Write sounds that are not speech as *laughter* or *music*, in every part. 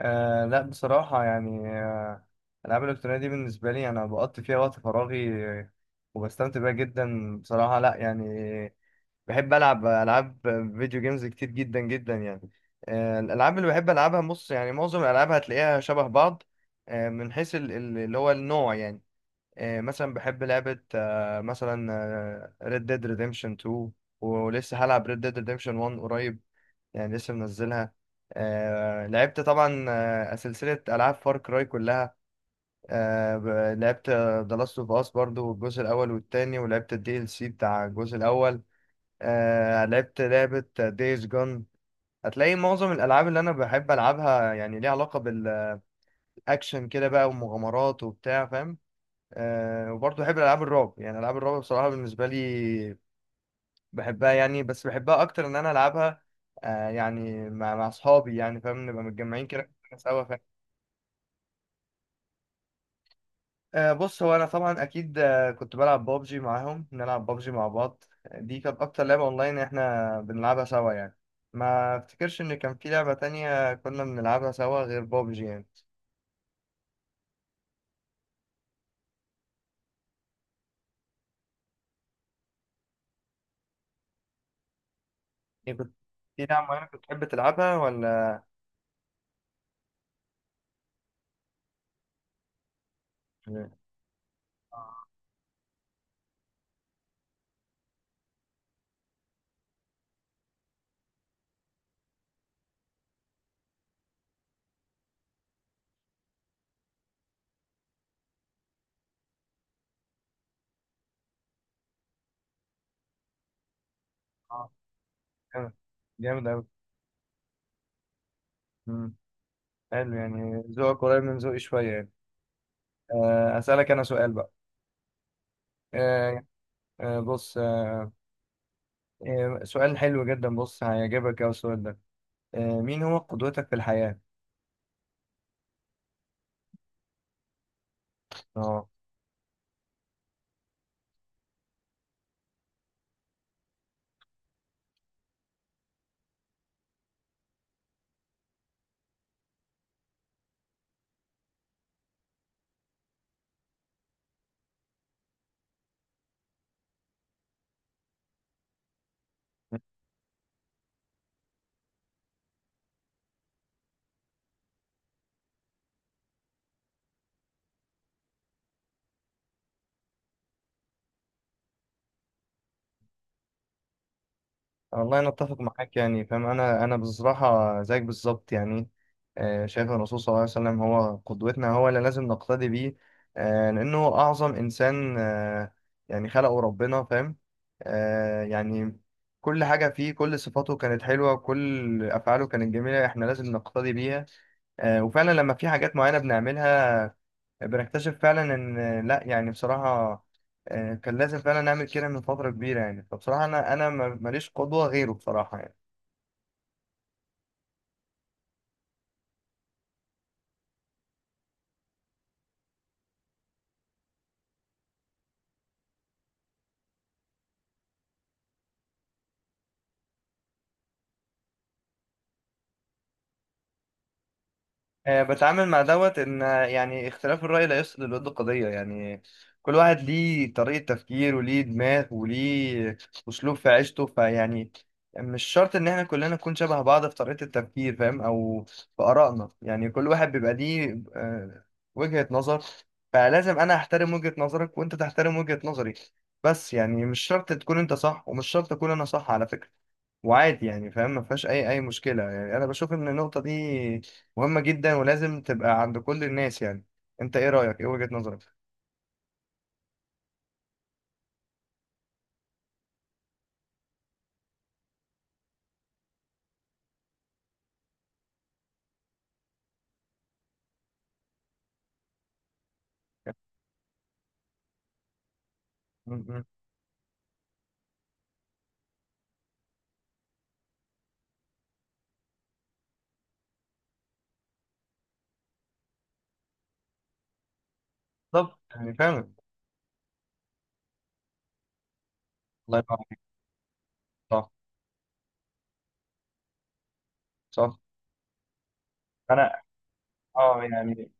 لا بصراحة يعني، الألعاب الإلكترونية دي بالنسبة لي أنا بقضي فيها وقت فراغي، وبستمتع بيها جدا بصراحة. لا يعني بحب ألعب ألعاب فيديو جيمز كتير جدا جدا يعني. الألعاب اللي بحب ألعبها بص، يعني معظم الألعاب هتلاقيها شبه بعض، من حيث اللي هو النوع يعني. مثلا بحب لعبة، مثلا ريد ديد ريديمشن 2، ولسه هلعب ريد ديد ريديمشن 1 قريب، يعني لسه منزلها. لعبت طبعا، سلسلة ألعاب فار كراي كلها. لعبت ذا لاست اوف اس برضو الجزء الأول والتاني، ولعبت الدي ال سي بتاع الجزء الأول. لعبت لعبة دايز جون. هتلاقي معظم الألعاب اللي أنا بحب ألعبها يعني ليها علاقة بالأكشن كده بقى ومغامرات وبتاع، فاهم؟ وبرضه بحب ألعاب الرعب، يعني ألعاب الرعب بصراحة بالنسبة لي بحبها يعني، بس بحبها اكتر ان انا العبها، يعني مع اصحابي يعني، فاهم؟ نبقى متجمعين كده سوا، فاهم؟ بص، هو انا طبعا اكيد، كنت بلعب بابجي معاهم، بنلعب بابجي مع بعض. دي كانت اكتر لعبة اونلاين احنا بنلعبها سوا يعني. ما افتكرش ان كان في لعبة تانية كنا بنلعبها سوا غير بابجي يعني. إيه، كنت في لعبة معينة كنت بتحب تلعبها ولا؟ آه، جامد. جامد أوي. مم. حلو، يعني ذوقك قريب من ذوقي شوية يعني. أسألك أنا سؤال بقى. آه، بص، سؤال حلو جدا، بص هيعجبك أوي السؤال ده. مين هو قدوتك في الحياة؟ اه. والله أنا أتفق معاك، يعني فاهم، أنا بصراحة زيك بالظبط يعني. شايف الرسول صلى الله عليه وسلم هو قدوتنا، هو اللي لازم نقتدي بيه. لأنه هو أعظم إنسان، يعني خلقه ربنا، فاهم؟ يعني كل حاجة فيه، كل صفاته كانت حلوة، كل أفعاله كانت جميلة، إحنا لازم نقتدي بيها. وفعلا لما في حاجات معينة بنعملها بنكتشف فعلا ان لا يعني بصراحة، كان لازم فعلا نعمل كده من فترة كبيرة يعني. فبصراحة انا ماليش قدوة غيره بصراحة يعني. بتعامل مع دوت ان، يعني اختلاف الرأي لا يفسد للود قضية يعني. كل واحد ليه طريقة تفكير، وليه دماغ، وليه اسلوب في عيشته، فيعني مش شرط ان احنا كلنا نكون شبه بعض في طريقة التفكير، فاهم؟ او في آرائنا، يعني كل واحد بيبقى ليه وجهة نظر. فلازم انا احترم وجهة نظرك، وانت تحترم وجهة نظري. بس يعني مش شرط تكون انت صح، ومش شرط اكون انا صح على فكرة. وعادي يعني، فاهم؟ ما فيهاش اي مشكله يعني. انا بشوف ان النقطه دي مهمه جدا ولازم تبقى عند كل الناس يعني. انت ايه رايك؟ ايه وجهه نظرك؟ م- م. بالظبط يعني فعلا. الله يبارك. صح. صح. انا، اه يعني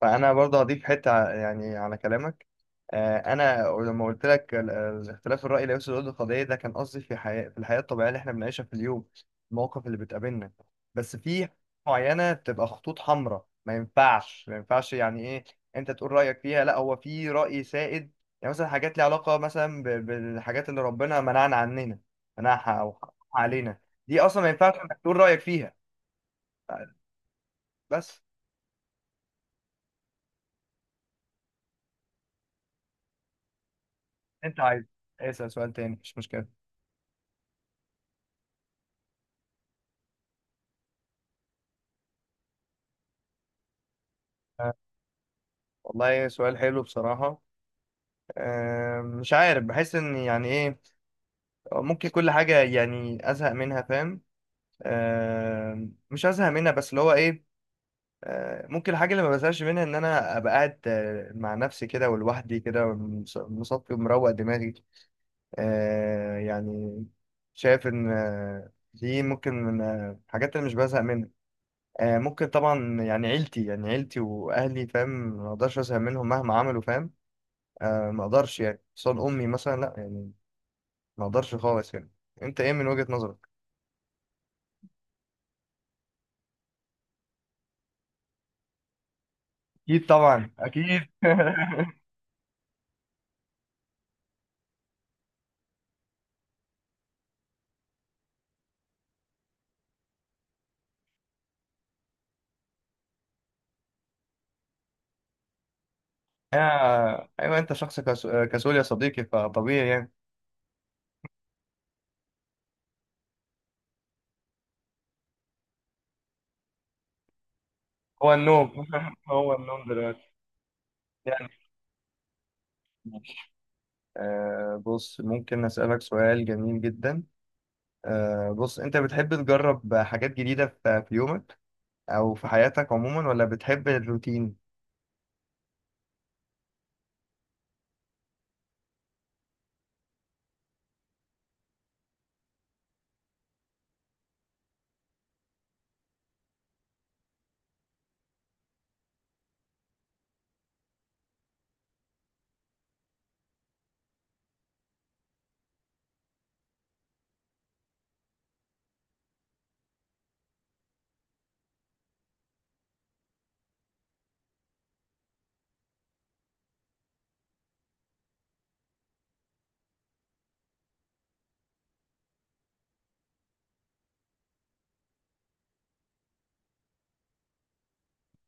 فانا برضه هضيف حته يعني على كلامك. انا لما قلت لك اختلاف الراي لا يفسد الود قضيه، ده كان قصدي في الحياه الطبيعيه اللي احنا بنعيشها في اليوم. المواقف اللي بتقابلنا، بس في معينه بتبقى خطوط حمراء، ما ينفعش، ما ينفعش يعني ايه، انت تقول رايك فيها. لا، هو في راي سائد. يعني مثلا حاجات ليها علاقه مثلا بالحاجات اللي ربنا منعنا عننا، منعها او حرمها علينا، دي اصلا ما ينفعش انك تقول رايك فيها. بس. انت عايز اسال سؤال تاني، مش مشكله. والله سؤال حلو بصراحة. مش عارف. بحس ان يعني ايه، ممكن كل حاجة يعني ازهق منها، فاهم؟ مش ازهق منها، بس اللي هو ايه، ممكن الحاجة اللي ما بزهقش منها ان انا ابقى قاعد، مع نفسي كده ولوحدي كده، مصفي ومروق دماغي، يعني. شايف ان دي ممكن من الحاجات اللي مش بزهق منها. ممكن طبعا يعني عيلتي، يعني عيلتي واهلي، فاهم؟ ما اقدرش ازهق منهم مهما عملوا، فاهم؟ ما اقدرش يعني صاد امي مثلا، لا يعني، ما اقدرش خالص يعني. انت ايه من وجهة نظرك؟ اكيد طبعا اكيد. *laughs* ايوه، انت شخص كسول يا صديقي، فطبيعي يعني. هو النوم. *laughs* هو النوم دلوقتي. يعني، بص ممكن اسالك سؤال جميل جدا. بص، انت بتحب تجرب حاجات جديدة في يومك او في حياتك عموما، ولا بتحب الروتين؟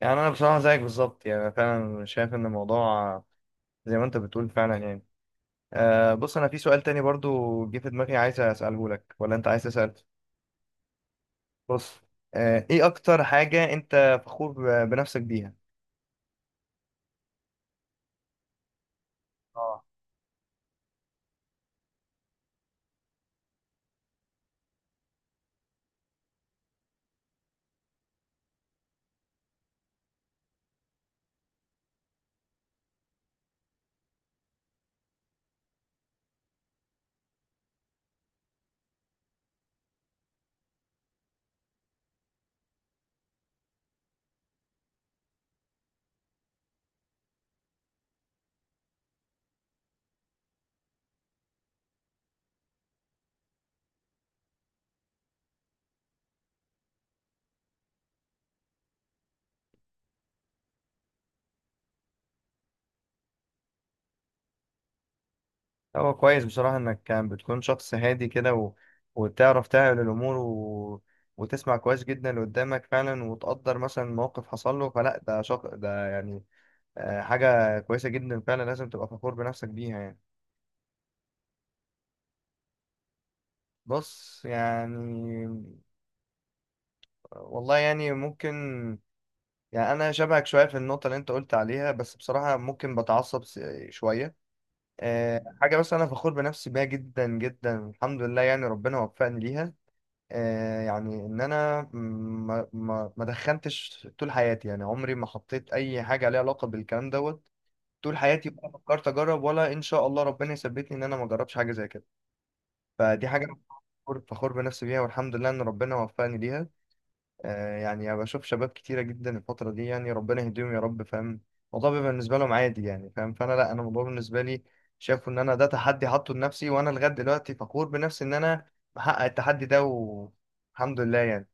يعني انا بصراحة زيك بالظبط يعني، فعلا شايف ان الموضوع زي ما انت بتقول فعلا يعني. بص، انا في سؤال تاني برضو جه في دماغي عايز اساله لك، ولا انت عايز تسال؟ بص، ايه اكتر حاجه انت فخور بنفسك بيها؟ اه. هو كويس بصراحه انك كان بتكون شخص هادي كده، و... وبتعرف تعمل الامور، و... وتسمع كويس جدا اللي قدامك فعلا، وتقدر مثلا موقف حصل له فلا ده شخص، ده يعني، حاجه كويسه جدا فعلا، لازم تبقى فخور بنفسك بيها يعني. بص يعني، والله يعني ممكن، يعني انا شبهك شويه في النقطه اللي انت قلت عليها، بس بصراحه ممكن بتعصب شويه. حاجه بس انا فخور بنفسي بيها جدا جدا، الحمد لله، يعني ربنا وفقني ليها. يعني ان انا ما دخنتش طول حياتي يعني، عمري ما حطيت اي حاجه ليها علاقه بالكلام دوت طول حياتي، ولا فكرت اجرب، ولا ان شاء الله ربنا يثبتني ان انا ما اجربش حاجه زي كده. فدي حاجه انا فخور بنفسي بيها، والحمد لله ان ربنا وفقني ليها. يعني أنا بشوف شباب كتيرة جدا الفترة دي، يعني ربنا يهديهم يا رب، فاهم؟ الموضوع بيبقى بالنسبة لهم عادي يعني، فاهم؟ فأنا لا، أنا الموضوع بالنسبة لي شايفه إن أنا ده تحدي حاطه لنفسي، وأنا لغاية دلوقتي فخور بنفسي إن أنا محقق التحدي ده والحمد لله يعني.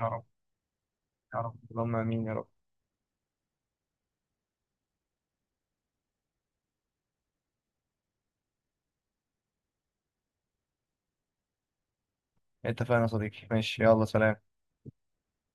يا رب. يا رب اللهم آمين يا رب. اتفقنا يا صديقي، ماشي، يلا سلام.